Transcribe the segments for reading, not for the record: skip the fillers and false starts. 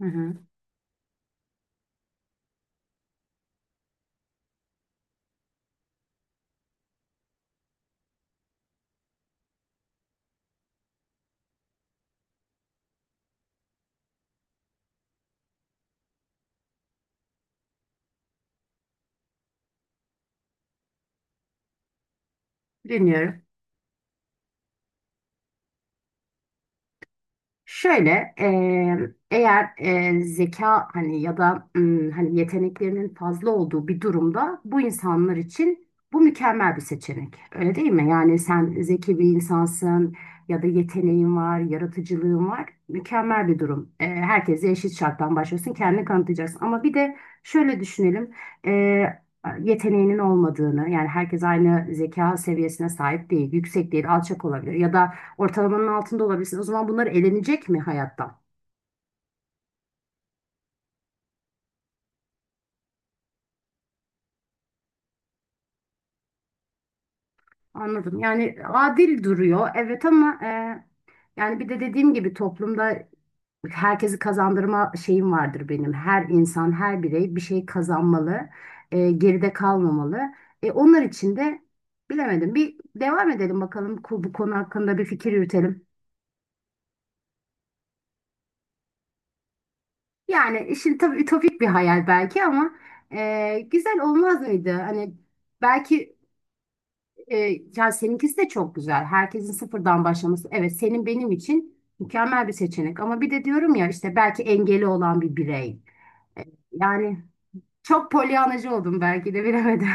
Hı hı, dinliyorum. Şöyle eğer zeka hani ya da hani yeteneklerinin fazla olduğu bir durumda bu insanlar için bu mükemmel bir seçenek. Öyle değil mi? Yani sen zeki bir insansın ya da yeteneğin var, yaratıcılığın var. Mükemmel bir durum. Herkese eşit şarttan başlıyorsun, kendini kanıtlayacaksın. Ama bir de şöyle düşünelim. Eee, Yeteneğinin olmadığını yani herkes aynı zeka seviyesine sahip değil, yüksek değil, alçak olabilir ya da ortalamanın altında olabilirsin. O zaman bunlar elenecek mi hayattan? Anladım. Yani adil duruyor. Evet ama yani bir de dediğim gibi toplumda herkesi kazandırma şeyim vardır benim. Her insan, her birey bir şey kazanmalı. Geride kalmamalı. Onlar için de bilemedim. Bir devam edelim bakalım bu konu hakkında bir fikir yürütelim. Yani işin tabii ütopik bir hayal belki ama güzel olmaz mıydı? Hani belki. E, Ya seninkisi de çok güzel. Herkesin sıfırdan başlaması. Evet, senin benim için mükemmel bir seçenek. Ama bir de diyorum ya işte belki engeli olan bir birey. E, Yani çok polyanacı oldum belki de bilemedim.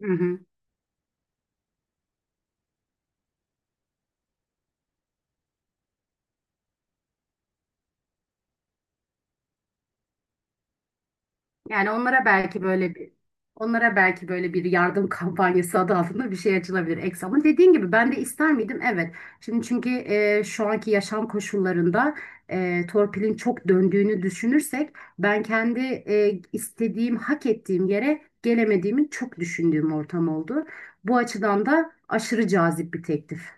Yani onlara belki böyle bir yardım kampanyası adı altında bir şey açılabilir Eksa. Ama dediğin gibi ben de ister miydim? Evet. Şimdi çünkü şu anki yaşam koşullarında torpilin çok döndüğünü düşünürsek ben kendi istediğim, hak ettiğim yere gelemediğimi çok düşündüğüm ortam oldu. Bu açıdan da aşırı cazip bir teklif.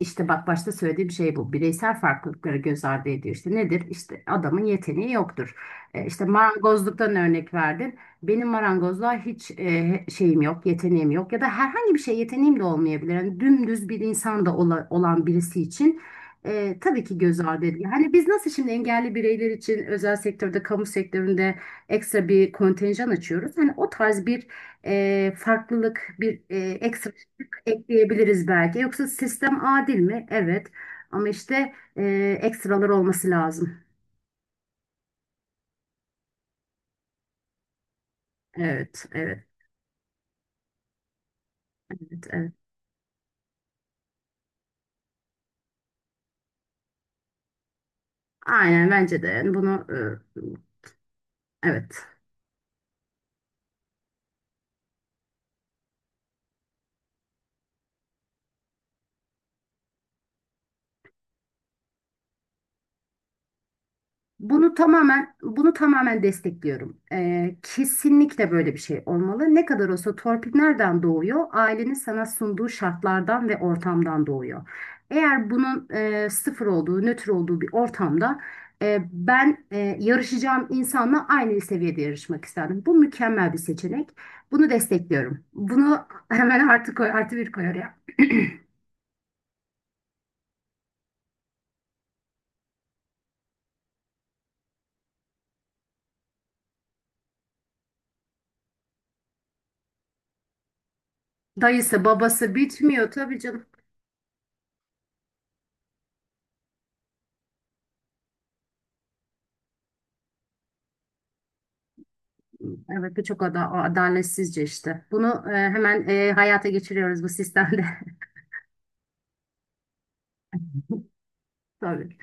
İşte bak başta söylediğim şey bu. Bireysel farklılıkları göz ardı ediyor. İşte nedir? İşte adamın yeteneği yoktur. İşte marangozluktan örnek verdin. Benim marangozluğa hiç şeyim yok, yeteneğim yok. Ya da herhangi bir şey yeteneğim de olmayabilir. Yani dümdüz bir insan da olan birisi için tabii ki göz ardı ediyor. Hani biz nasıl şimdi engelli bireyler için özel sektörde, kamu sektöründe ekstra bir kontenjan açıyoruz. Hani o tarz bir farklılık, bir ekstra ekleyebiliriz belki. Yoksa sistem adil mi? Evet. Ama işte ekstralar olması lazım. Evet, evet, evet, evet. Aynen bence de. Yani bunu evet. Bunu tamamen destekliyorum. Kesinlikle böyle bir şey olmalı. Ne kadar olsa torpil nereden doğuyor? Ailenin sana sunduğu şartlardan ve ortamdan doğuyor. Eğer bunun sıfır olduğu, nötr olduğu bir ortamda ben yarışacağım insanla aynı seviyede yarışmak isterdim. Bu mükemmel bir seçenek. Bunu destekliyorum. Bunu hemen artı koy, artı bir koyar ya. Dayısı, babası bitmiyor tabii canım. Evet, bu çok adaletsizce işte. Bunu hemen hayata geçiriyoruz bu sistemde. Tabii.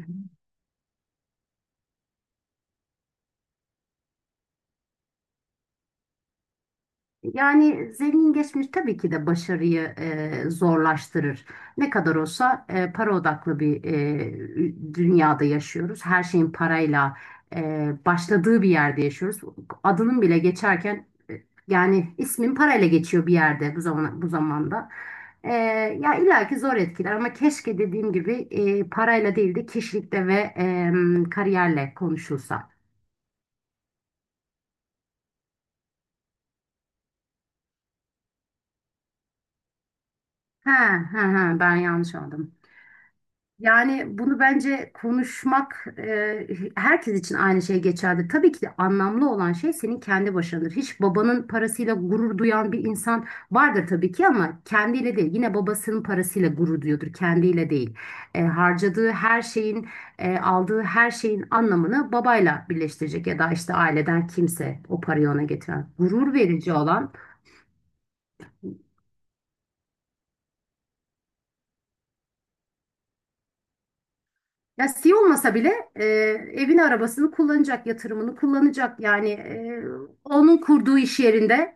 Yani zengin geçmiş tabii ki de başarıyı zorlaştırır. Ne kadar olsa para odaklı bir dünyada yaşıyoruz. Her şeyin parayla başladığı bir yerde yaşıyoruz. Adının bile geçerken yani ismin parayla geçiyor bir yerde, bu zaman bu zamanda. E, Ya illaki zor etkiler, ama keşke dediğim gibi parayla değil de kişilikle ve kariyerle konuşulsa. Ha, ha, ha, ben yanlış anladım. Yani bunu bence konuşmak, herkes için aynı şey geçerli. Tabii ki de anlamlı olan şey senin kendi başındır. Hiç babanın parasıyla gurur duyan bir insan vardır tabii ki, ama kendiyle değil. Yine babasının parasıyla gurur duyuyordur, kendiyle değil. Harcadığı her şeyin, aldığı her şeyin anlamını babayla birleştirecek ya da işte aileden kimse o parayı ona getiren. Gurur verici olan. Ya olmasa bile evini arabasını kullanacak, yatırımını kullanacak. Yani onun kurduğu iş yerinde.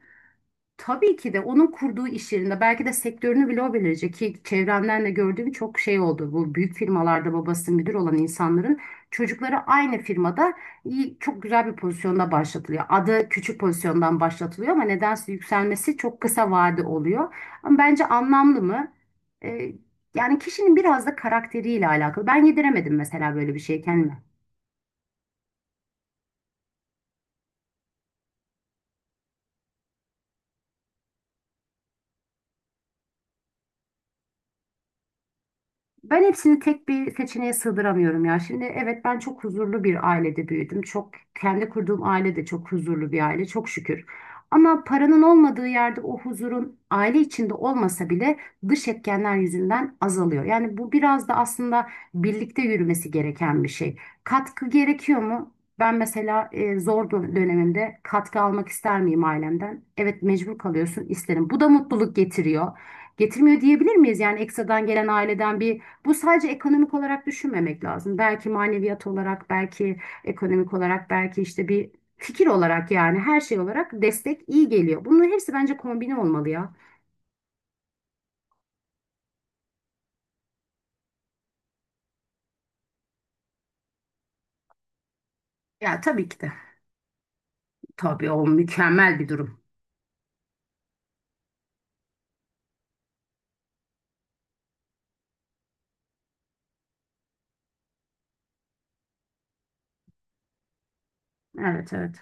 Tabii ki de onun kurduğu iş yerinde belki de sektörünü bile o belirleyecek ki çevremden de gördüğüm çok şey oldu. Bu büyük firmalarda babası müdür olan insanların çocukları aynı firmada iyi, çok güzel bir pozisyonda başlatılıyor. Adı küçük pozisyondan başlatılıyor ama nedense yükselmesi çok kısa vade oluyor. Ama bence anlamlı mı? Ee, Yani kişinin biraz da karakteriyle alakalı. Ben yediremedim mesela böyle bir şey kendime. Ben hepsini tek bir seçeneğe sığdıramıyorum ya. Şimdi evet, ben çok huzurlu bir ailede büyüdüm. Çok, kendi kurduğum aile de çok huzurlu bir aile, çok şükür. Ama paranın olmadığı yerde o huzurun aile içinde olmasa bile dış etkenler yüzünden azalıyor. Yani bu biraz da aslında birlikte yürümesi gereken bir şey. Katkı gerekiyor mu? Ben mesela zor dönemimde katkı almak ister miyim ailemden? Evet, mecbur kalıyorsun, isterim. Bu da mutluluk getiriyor. Getirmiyor diyebilir miyiz? Yani ekstradan gelen aileden bir, bu sadece ekonomik olarak düşünmemek lazım. Belki maneviyat olarak, belki ekonomik olarak, belki işte bir fikir olarak, yani her şey olarak destek iyi geliyor. Bunların hepsi bence kombine olmalı ya. Ya tabii ki de. Tabii, o mükemmel bir durum. Evet, evet.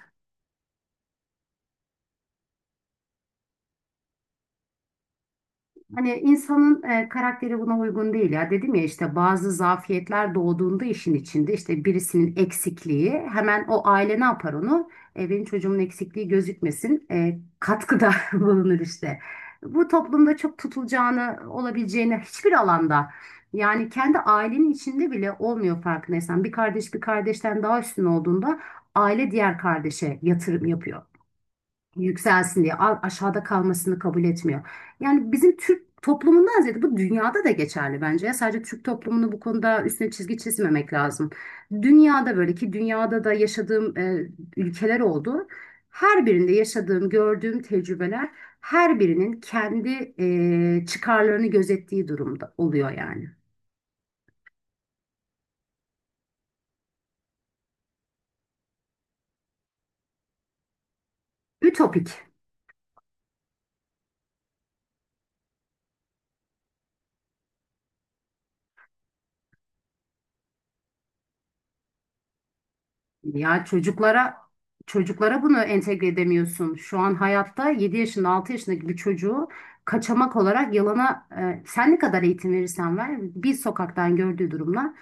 Hani insanın karakteri buna uygun değil ya. Dedim ya, işte bazı zafiyetler doğduğunda işin içinde, işte birisinin eksikliği hemen, o aile ne yapar onu? Benim çocuğumun eksikliği gözükmesin. Katkıda bulunur işte. Bu toplumda çok tutulacağını, olabileceğini hiçbir alanda, yani kendi ailenin içinde bile olmuyor, farkındaysan. Bir kardeş bir kardeşten daha üstün olduğunda aile diğer kardeşe yatırım yapıyor yükselsin diye, aşağıda kalmasını kabul etmiyor. Yani bizim Türk toplumundan ziyade bu dünyada da geçerli bence. Ya sadece Türk toplumunu bu konuda üstüne çizgi çizmemek lazım. Dünyada böyle, ki dünyada da yaşadığım ülkeler oldu. Her birinde yaşadığım, gördüğüm tecrübeler her birinin kendi çıkarlarını gözettiği durumda oluyor yani. Ütopik. Ya çocuklara bunu entegre edemiyorsun. Şu an hayatta 7 yaşında, 6 yaşındaki bir çocuğu, kaçamak olarak yalana sen ne kadar eğitim verirsen ver, bir sokaktan gördüğü durumla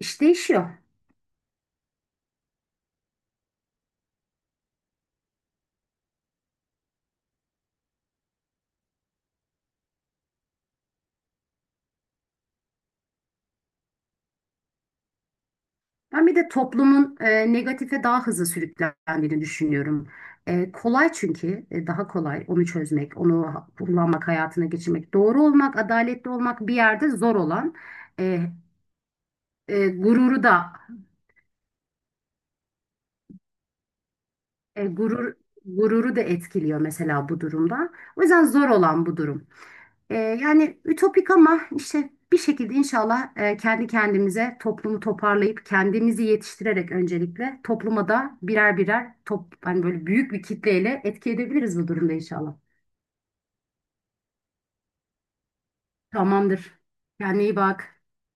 iş değişiyor. Ben bir de toplumun negatife daha hızlı sürüklendiğini düşünüyorum. Kolay, çünkü daha kolay onu çözmek, onu kullanmak, hayatına geçirmek. Doğru olmak, adaletli olmak bir yerde zor olan, e, e, gururu da E, gurur gururu da etkiliyor mesela bu durumda. O yüzden zor olan bu durum. Yani ütopik, ama işte bir şekilde inşallah kendi kendimize toplumu toparlayıp kendimizi yetiştirerek, öncelikle topluma da birer birer hani böyle büyük bir kitleyle etki edebiliriz bu durumda inşallah. Tamamdır. Kendine iyi bak.